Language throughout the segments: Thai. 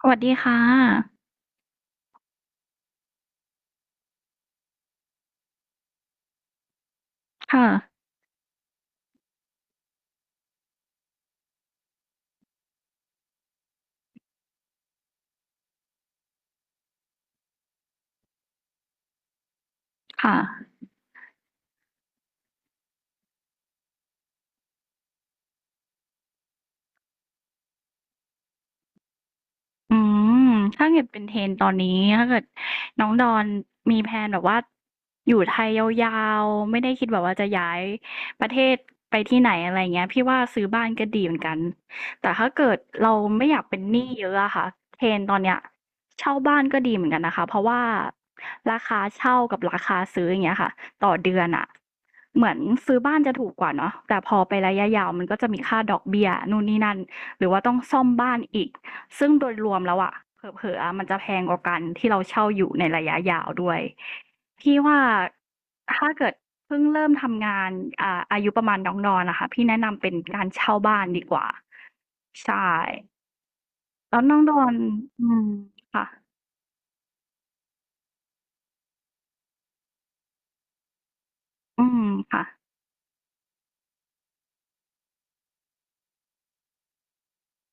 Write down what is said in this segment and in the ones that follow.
สวัสดีค่ะค่ะค่ะ อืมถ้าเกิดเป็น trend ตอนนี้ถ้าเกิดน้องดอนมีแพลนแบบว่าอยู่ไทยยาวๆไม่ได้คิดแบบว่าจะย้ายประเทศไปที่ไหนอะไรเงี้ยพี่ว่าซื้อบ้านก็ดีเหมือนกันแต่ถ้าเกิดเราไม่อยากเป็นหนี้เยอะอะค่ะ trend ตอนเนี้ยเช่าบ้านก็ดีเหมือนกันนะคะเพราะว่าราคาเช่ากับราคาซื้ออย่างเงี้ยค่ะต่อเดือนอะเหมือนซื้อบ้านจะถูกกว่าเนาะแต่พอไประยะยาวมันก็จะมีค่าดอกเบี้ยนู่นนี่นั่นหรือว่าต้องซ่อมบ้านอีก ซึ่งโดยรวมแล้วอะเผลอๆะมันจะแพงกว่ากันที่เราเช่าอยู่ในระยะยาวด้วยพี่ว่าถ้าเกิดเพิ่งเริ่มทำงานอายุประมาณน้องดอนนะคะพี่แนะนำเป็นการเช่าบ้านดีกว่าใช่แล้วน้องดอนอืมค่ะอืมค่ะ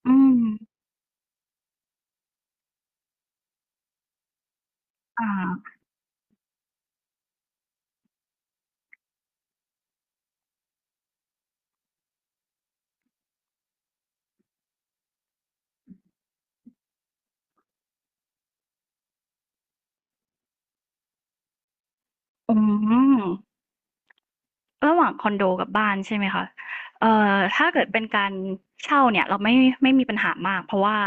อืมอ่าอืม ระหว่างคอนโดกับบ้านใช่ไหมคะถ้าเกิดเป็นการเช่าเนี่ยเราไม่มีปัญหามากเพราะว่า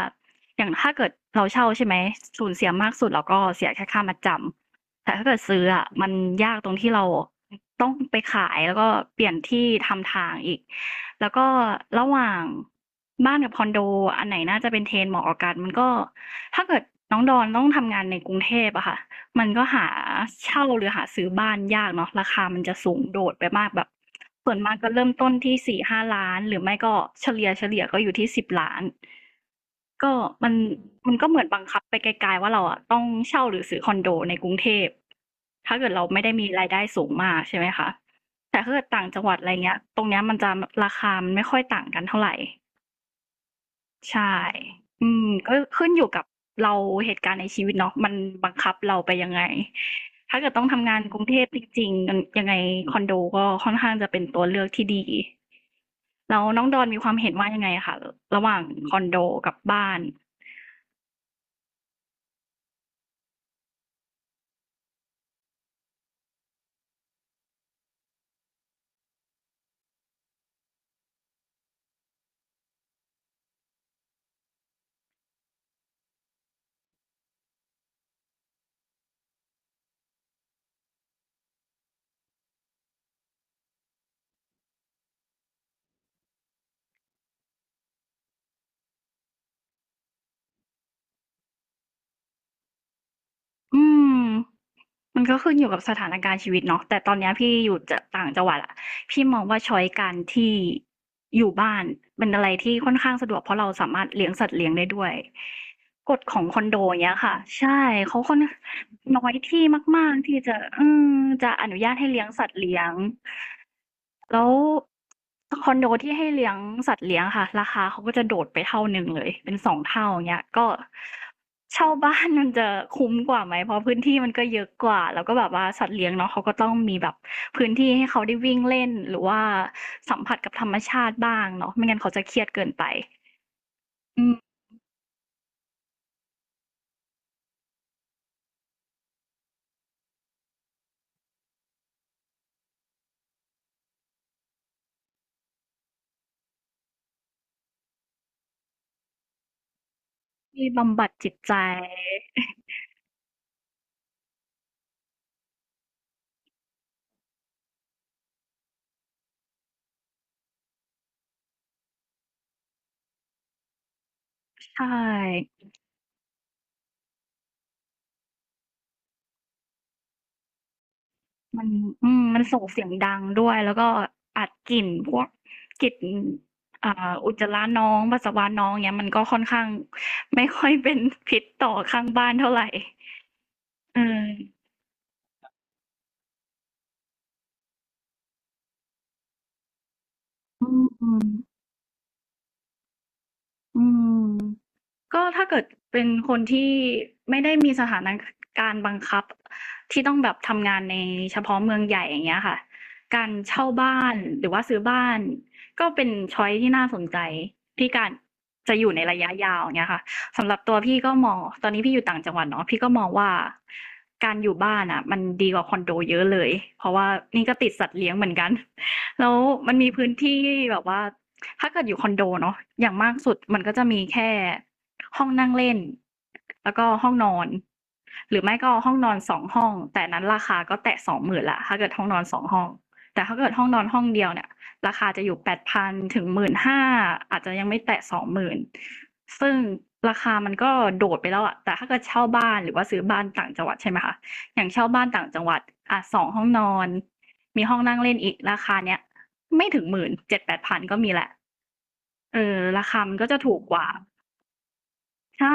อย่างถ้าเกิดเราเช่าใช่ไหมสูญเสียมากสุดเราก็เสียแค่ค่ามัดจำแต่ถ้าเกิดซื้ออ่ะมันยากตรงที่เราต้องไปขายแล้วก็เปลี่ยนที่ทำทางอีกแล้วก็ระหว่างบ้านกับคอนโดอันไหนน่าจะเป็นเทรนเหมาะกับกันมันก็ถ้าเกิดน้องดอนต้องทำงานในกรุงเทพอะค่ะ มันก็หาเช่าหรือหาซื้อบ้านยากเนาะราคามันจะสูงโดดไปมากแบบส่วนมากก็เริ่มต้นที่4-5ล้านหรือไม่ก็เฉลี่ยก็อยู่ที่10ล้านก็มันมันก็เหมือนบังคับไปไกลๆว่าเราอะต้องเช่าหรือซื้อคอนโดในกรุงเทพถ้าเกิดเราไม่ได้มีรายได้สูงมากใช่ไหมคะแต่ถ้าเกิดต่างจังหวัดอะไรเงี้ยตรงเนี้ยมันจะราคามันไม่ค่อยต่างกันเท่าไร ใช่ ก็ขึ้นอยู่กับเราเหตุการณ์ในชีวิตเนาะมันบังคับเราไปยังไง ถ้าเกิดต้องทำงานกรุงเทพจริงๆมันยังไงคอนโดก็ค่อนข้างจะเป็นตัวเลือกที่ดี แล้วน้องดอนมีความเห็นว่ายังไงคะระหว่างคอนโดกับบ้าน อืมมันก็ขึ้นอยู่กับสถานการณ์ชีวิตเนาะแต่ตอนเนี้ยพี่อยู่จะต่างจังหวัดอะพี่มองว่าช้อยการที่อยู่บ้านเป็นอะไรที่ค่อนข้างสะดวกเพราะเราสามารถเลี้ยงสัตว์เลี้ยงได้ด้วยกฎของคอนโดเนี้ยค่ะใช่เขาค่อนน้อยที่มากๆที่จะจะอนุญาตให้เลี้ยงสัตว์เลี้ยง แล้วคอนโดที่ให้เลี้ยงสัตว์เลี้ยงค่ะราคาเขาก็จะโดดไปเท่าหนึ่งเลยเป็นสองเท่าอย่างเงี้ยก็เช่าบ้านมันจะคุ้มกว่าไหมเพราะพื้นที่มันก็เยอะกว่าแล้วก็แบบว่าสัตว์เลี้ยงเนาะเขาก็ต้องมีแบบพื้นที่ให้เขาได้วิ่งเล่นหรือว่าสัมผัสกับธรรมชาติบ้างเนาะไม่งั้นเขาจะเครียดเกินไปอืมที่บำบัดจิตใจใช่ มันมันส่งเสียงดังด้วยแล้วก็อัดกลิ่นพวกกลิ่นอ่าอุจจาระน้องปัสสาวะน้องเนี้ยมันก็ค่อนข้างไม่ค่อยเป็น พิษต่อข้างบ้านเท่าไหร่เอออืมอืม ก็ถ้าเกิดเป็นคนที่ไม่ได้มีสถานการณ์บังคับที่ต้องแบบทำงานในเฉพาะเมืองใหญ่อย่างเงี้ยค่ะการเช่าบ้านหรือว่าซื้อบ้านก็เป็นช้อยซ์ที่น่าสนใจที่การจะอยู่ในระยะยาวอย่างเงี้ยค่ะสำหรับตัวพี่ก็มองตอนนี้พี่อยู่ต่างจังหวัดเนาะพี่ก็มองว่าการอยู่บ้านน่ะมันดีกว่าคอนโดเยอะเลยเพราะว่านี่ก็ติดสัตว์เลี้ยงเหมือนกัน แล้วมันมีพื้นที่แบบว่าถ้าเกิดอยู่คอนโดเนาะอย่างมากสุดมันก็จะมีแค่ ห้องนั่งเล่นแล้วก็ห้องนอนหรือไม่ก็ห้องนอนสองห้องแต่นั้นราคาก็แตะสองหมื่นละถ้าเกิดห้องนอนสองห้องแต่ถ้าเกิดห้องนอนห้องเดียวเนี่ยราคา8,000 ถึง 15,000อาจจะยังไม่แตะสองหมื่นซึ่งราคามันก็โดดไปแล้วอะแต่ถ้าเกิดเช่าบ้านหรือว่าซื้อบ้านต่างจังหวัดใช่ไหมคะอย่างเช่าบ้านต่างจังหวัดอ่ะสองห้องนอนมีห้องนั่งเล่นอีกราคาเนี้ยไม่ถึงหมื่นเจ็ดแปดพันก็มีแหละเออราคามันก็จะถูกกว่า ใช่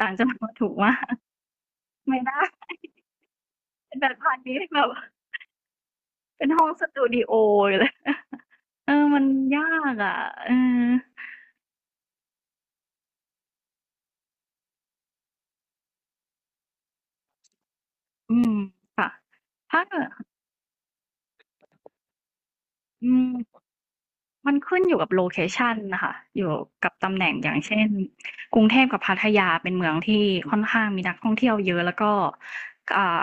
ต่างจังหวัดถูกมากไม่ได้ เป็นแบบพาณิชย์แบบเป็นห้องสตูดีโอเลย เออ มันยากอะเอออืมค่ะ ถ้าเกิดอืม มันขึ้นอยู่กับโลเคชันนะคะอยู่กับตำแหน่งอย่างเช่นกรุงเทพกับพัทยาเป็นเมืองที่ค่อนข้างมีนักท่องเที่ยวเยอะแล้วก็อ่า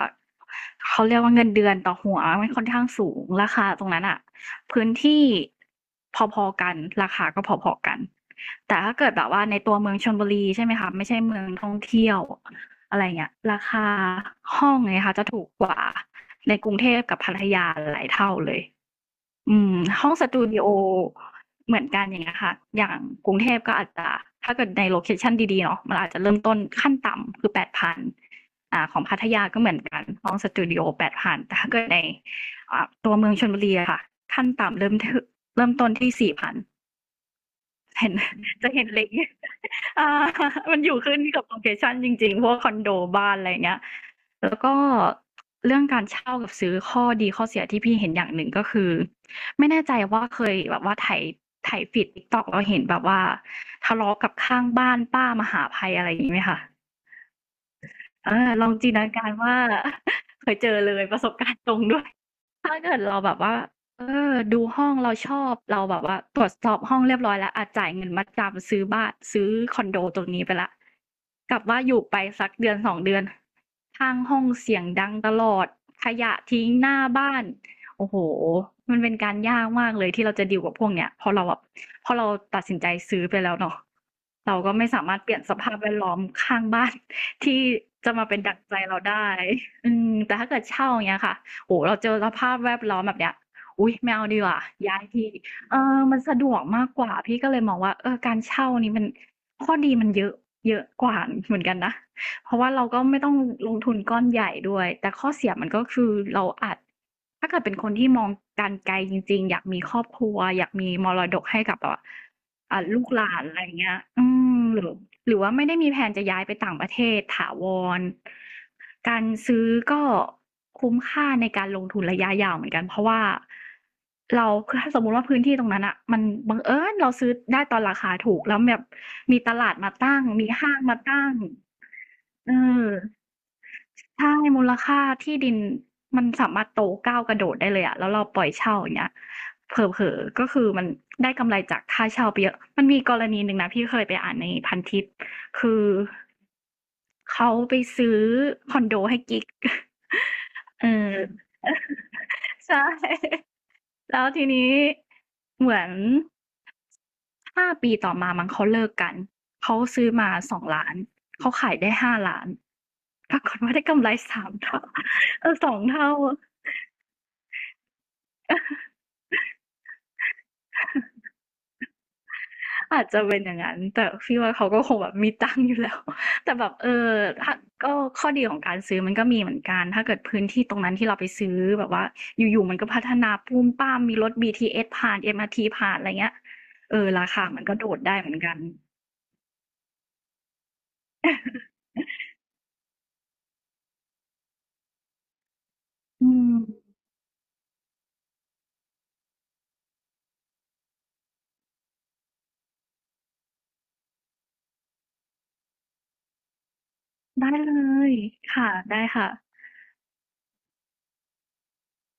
เขาเรียกว่าเงินเดือนต่อหัวมันค่อนข้างสูงราคาตรงนั้นอะพื้นที่พอๆกันราคาก็พอๆกันแต่ถ้าเกิดแบบว่าในตัวเมืองชลบุรีใช่ไหมคะไม่ใช่เมืองท่องเที่ยวอะไรเงี้ยราคาห้องเนี่ยค่ะจะถูกกว่าในกรุงเทพกับพัทยาหลายเท่าเลย อืมห้องสตูดิโอเหมือนกันอย่างเงี้ยค่ะอย่างกรุงเทพก็อาจจะถ้าเกิดในโลเคชันดีๆเนาะมันอาจจะเริ่มต้นขั้นต่ำคือแปดพันของพัทยาก็เหมือนกันห้องสตูดิโอแปดพันแต่ถ้าเกิดในตัวเมืองชลบุรีอะค่ะขั้นต่ำเริ่มที่เริ่มต้นที่สี่พันเห็นจะเห็นเล็ก อ่ามันอยู่ขึ้นกับโลเคชันจริงๆพวกคอนโดบ้านอะไรอย่างเงี้ย แล้วก็เรื่องการเช่ากับซื้อข้อดีข้อเสียที่พี่เห็นอย่างหนึ่งก็คือไม่แน่ใจว่าเคยแบบว่าไถฟีด TikTok แล้วเห็นแบบว่าทะเลาะกับข้างบ้านป้ามหาภัยอะไรอย่างงี้ไหมคะเออลองจินตนาการว่า เคยเจอเลยประสบการณ์ตรงด้วย ถ้าเกิดเราแบบว่าเออดูห้องเราชอบเราแบบว่าตรวจสอบห้องเรียบร้อยแล้วอาจ่ายเงินมัดจำซื้อบ้านซื้อคอนโดตรงนี้ไปและกลับว่าอยู่ไปสักเดือนสองเดือนข้างห้องเสียงดังตลอดขยะทิ้งหน้าบ้านโอ้โหมันเป็นการยากมากเลยที่เราจะดีลกับพวกเนี้ยพอเราตัดสินใจซื้อไปแล้วเนาะเราก็ไม่สามารถเปลี่ยนสภาพแวดล้อมข้างบ้าน ที่จะมาเป็นดั่งใจเราได้อืมแต่ถ้าเกิดเช่าอย่างเงี้ยค่ะ โอ้เราเจอสภาพแวดล้อมแบบเนี้ยอุ๊ยไม่เอาดีกว่าย้ายที่เออมันสะดวกมากกว่า พี่ก็เลยมองว่าเออการเช่านี่มันข้อดีมันเยอะเยอะกว่าเหมือนกันนะ เพราะว่าเราก็ไม่ต้องลงทุนก้อนใหญ่ด้วย แต่ข้อเสียมันก็คือเราอาจถ้าเกิดเป็นคนที่มองการไกลจริงๆ อยากมีครอบครัวอยากมีมรดกให้กับแบบลูกหลานอะไรอย่างเงี้ยอืมหรือว่าไม่ได้มีแพลนจะย้ายไปต่างประเทศ ถาวร การซื้อก็คุ้มค่าในการลงทุนระยะยาวเหมือนกัน เพราะว่าเรา คือถ้าสมมุติว่าพื้นที่ตรงนั้นน่ะมันบังเอิญเราซื้อได้ตอนราคาถูกแล้วแบบมีตลาดมาตั้งมีห้างมาตั้ง อืมใช่ มูลค่าที่ดินมันสามารถโตก้าวกระโดดได้เลยอะแล้วเราปล่อยเช่าอย่างเงี้ยเผลอๆ ก็คือมันได้กำไรจากค่าเช่าไปเยอะมันมีกรณีหนึ่งนะพี่เคยไปอ่านในพันทิปคือเขาไปซื้อคอนโดให้กิ๊ก เออใช่ แล้วทีนี้เหมือน 5 ปีต่อมามั้งเขาเลิกกันเขาซื้อมา 2 ล้านเขาขายได้ 5 ล้านปรากฏว่าได้กำไร 3 เท่าเออ2เท่าอาจจะเป็นอย่างนั้นแต่พี่ว่าเขาก็คงแบบมีตังค์อยู่แล้วแต่แบบเออถ้าก็ข้อดีของการซื้อมันก็มีเหมือนกันถ้าเกิดพื้นที่ตรงนั้นที่เราไปซื้อแบบว่าอยู่ๆมันก็พัฒนาปุ้มป้ามมีรถ BTS ผ่าน MRT ผ่านอะไรเงี้ยเออราคามันก็โดดได้เหมือนกันอืม ได้เลยค่ะได้ค่ะ